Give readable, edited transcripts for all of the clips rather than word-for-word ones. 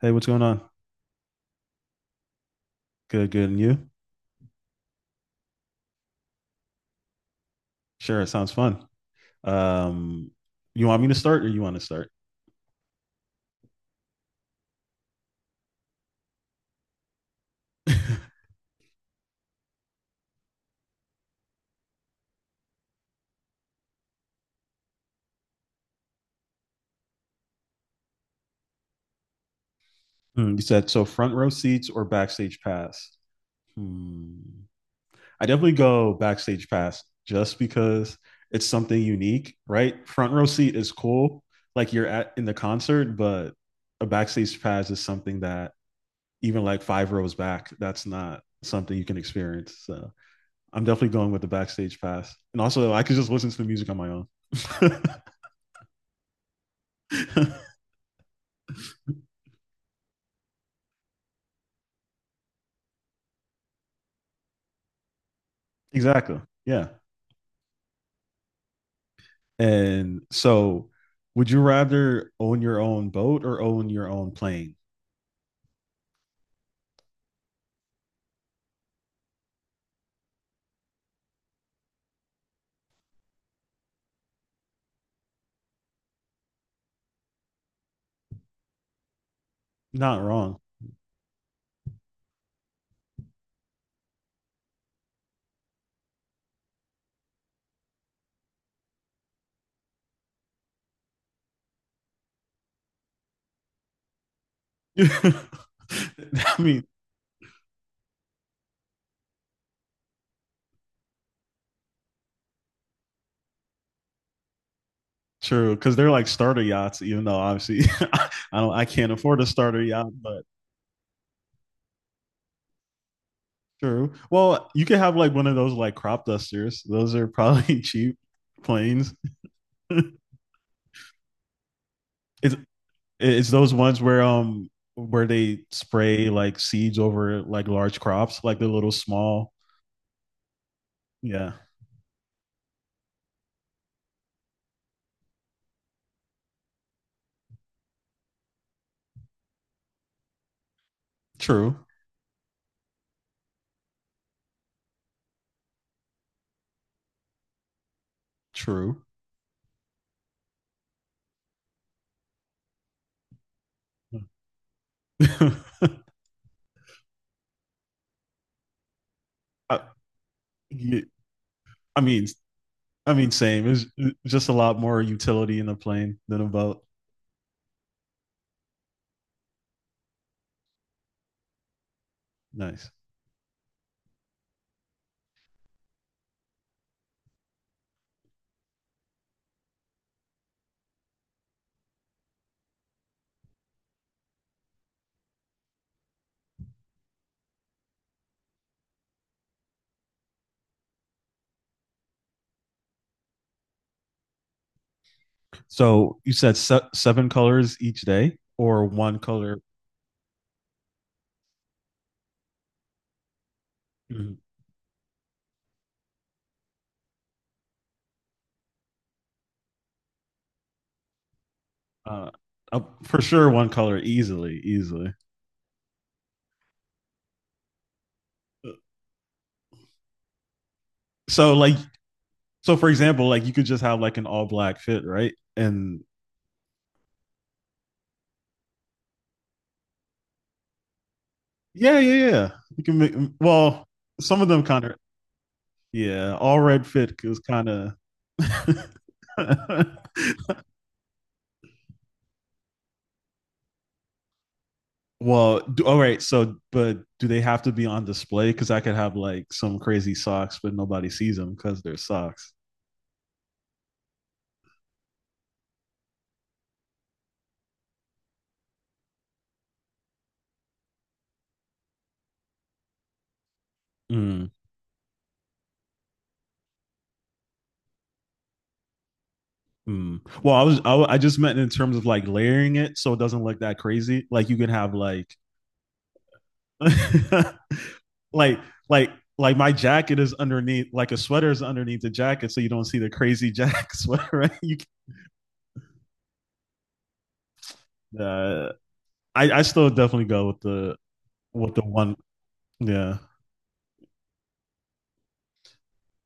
Hey, what's going on? Good, good. And you? Sure, it sounds fun. Um, you want me to start or you want to start? Hmm, you said so front row seats or backstage pass? Hmm. I definitely go backstage pass just because it's something unique, right? Front row seat is cool, like you're at in the concert, but a backstage pass is something that even like five rows back, that's not something you can experience. So I'm definitely going with the backstage pass. And also I could just listen to the music on my own. Exactly. Yeah. And so, would you rather own your own boat or own your own plane? Not wrong. I mean, True, because they're like starter yachts, even though obviously I don't, I can't afford a starter yacht, but true. Well, you could have like one of those like crop dusters. Those are probably cheap planes. it's it's those ones where they spray like seeds over like large crops, like the little small. Yeah. True. True. I, yeah, I mean, I mean, same. It's just a lot more utility in a plane than a boat. Nice. So you said seven colors each day, or one color? Uh, for sure, one color easily, easily. So like, so for example, like you could just have like an all black fit, right? And yeah, yeah, yeah. You can make well. Some of them kind of yeah. All red fit is kind of. Well, all right. So, but do they have to be on display? Because I could have like some crazy socks, but nobody sees them because they're socks. Mm, mm. Well, I was I just meant in terms of like layering it so it doesn't look that crazy. Like you can have like, like like like my jacket is underneath, like a sweater is underneath the jacket, so you don't see the crazy jack sweater. Right? Can- uh, I still definitely go with the one. Yeah.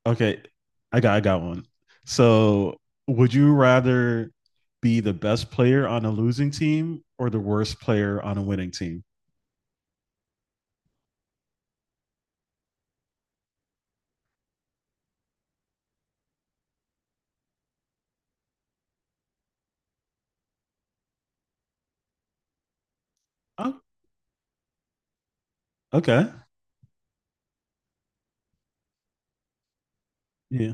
Okay, I got one. So, would you rather be the best player on a losing team or the worst player on a winning team? Oh, okay. Yeah.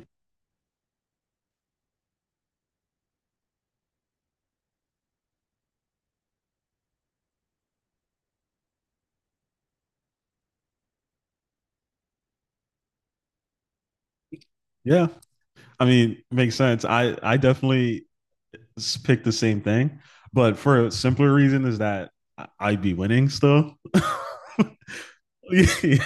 Yeah. I mean, makes sense. I definitely picked the same thing, but for a simpler reason is that I'd be winning still. Yeah,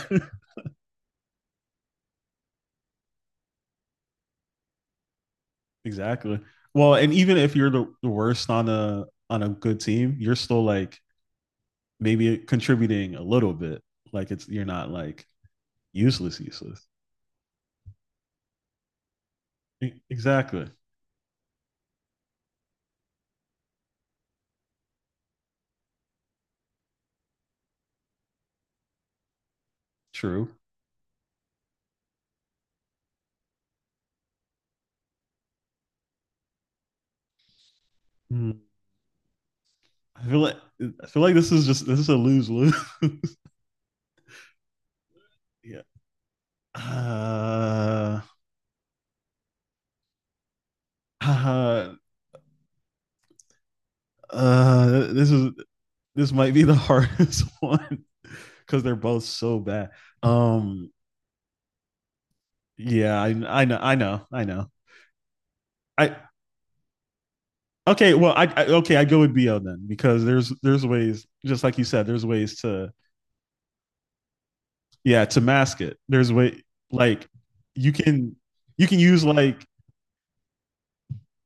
exactly. Well, and even if you're the worst on a good team, you're still like maybe contributing a little bit. Like it's you're not like useless, useless. Exactly. True. Hmm. I feel like I feel like this is just this is a lose lose. Yeah. Uh, uh, uh, this is this might be the hardest one because they're both so bad. Um. Yeah. I know. I know. I know. I okay. Well. I okay. I go with BL then because there's ways, just like you said, there's ways to, yeah, to mask it. There's way, like you can you can use, like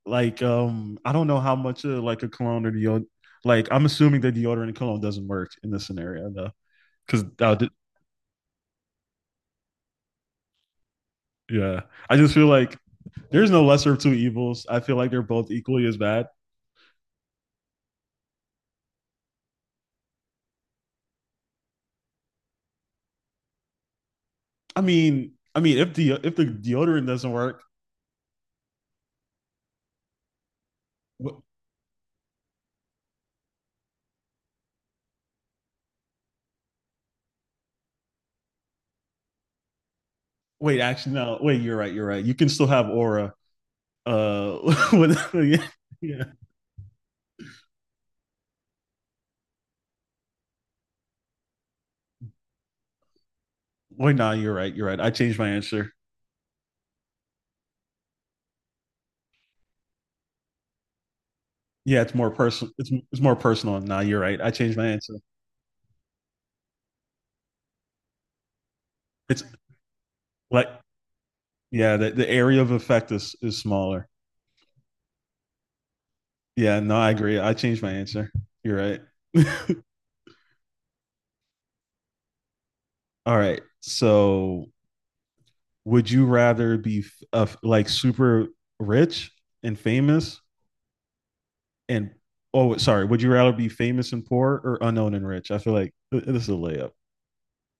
like um I don't know how much of like a cologne or deodorant. Like, I'm assuming that deodorant and cologne doesn't work in this scenario though, because, yeah, I just feel like there's no lesser of two evils. I feel like they're both equally as bad. I mean, if the deodorant doesn't work. w- Wait, actually no, wait, you're right, you're right, you can still have aura. uh yeah, yeah, wait, no, nah, you're right, you're right, I changed my answer. Yeah, it's more personal. It's more personal. Nah, you're right. I changed my answer. It's like, yeah, the area of effect is smaller. Yeah, no, I agree. I changed my answer. You're right. All right. So, would you rather be like super rich and famous and, oh, sorry, would you rather be famous and poor or unknown and rich? I feel like this is a layup.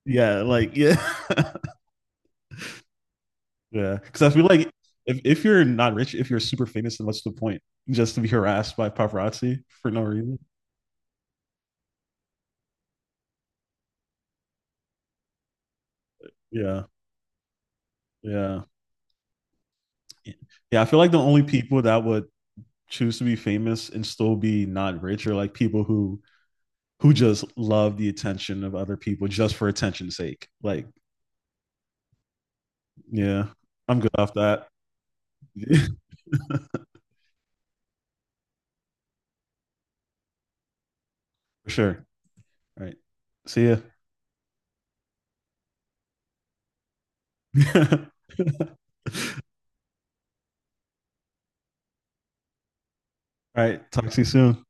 Yeah, like yeah. Yeah, because I feel like if you're not rich, if you're super famous, then what's the point? Just to be harassed by paparazzi for no reason? Yeah, yeah, yeah. I feel like the only people that would choose to be famous and still be not rich are like people who just love the attention of other people just for attention's sake. Like, yeah, I'm good off that. For sure. All right, see ya. All right, talk to you soon.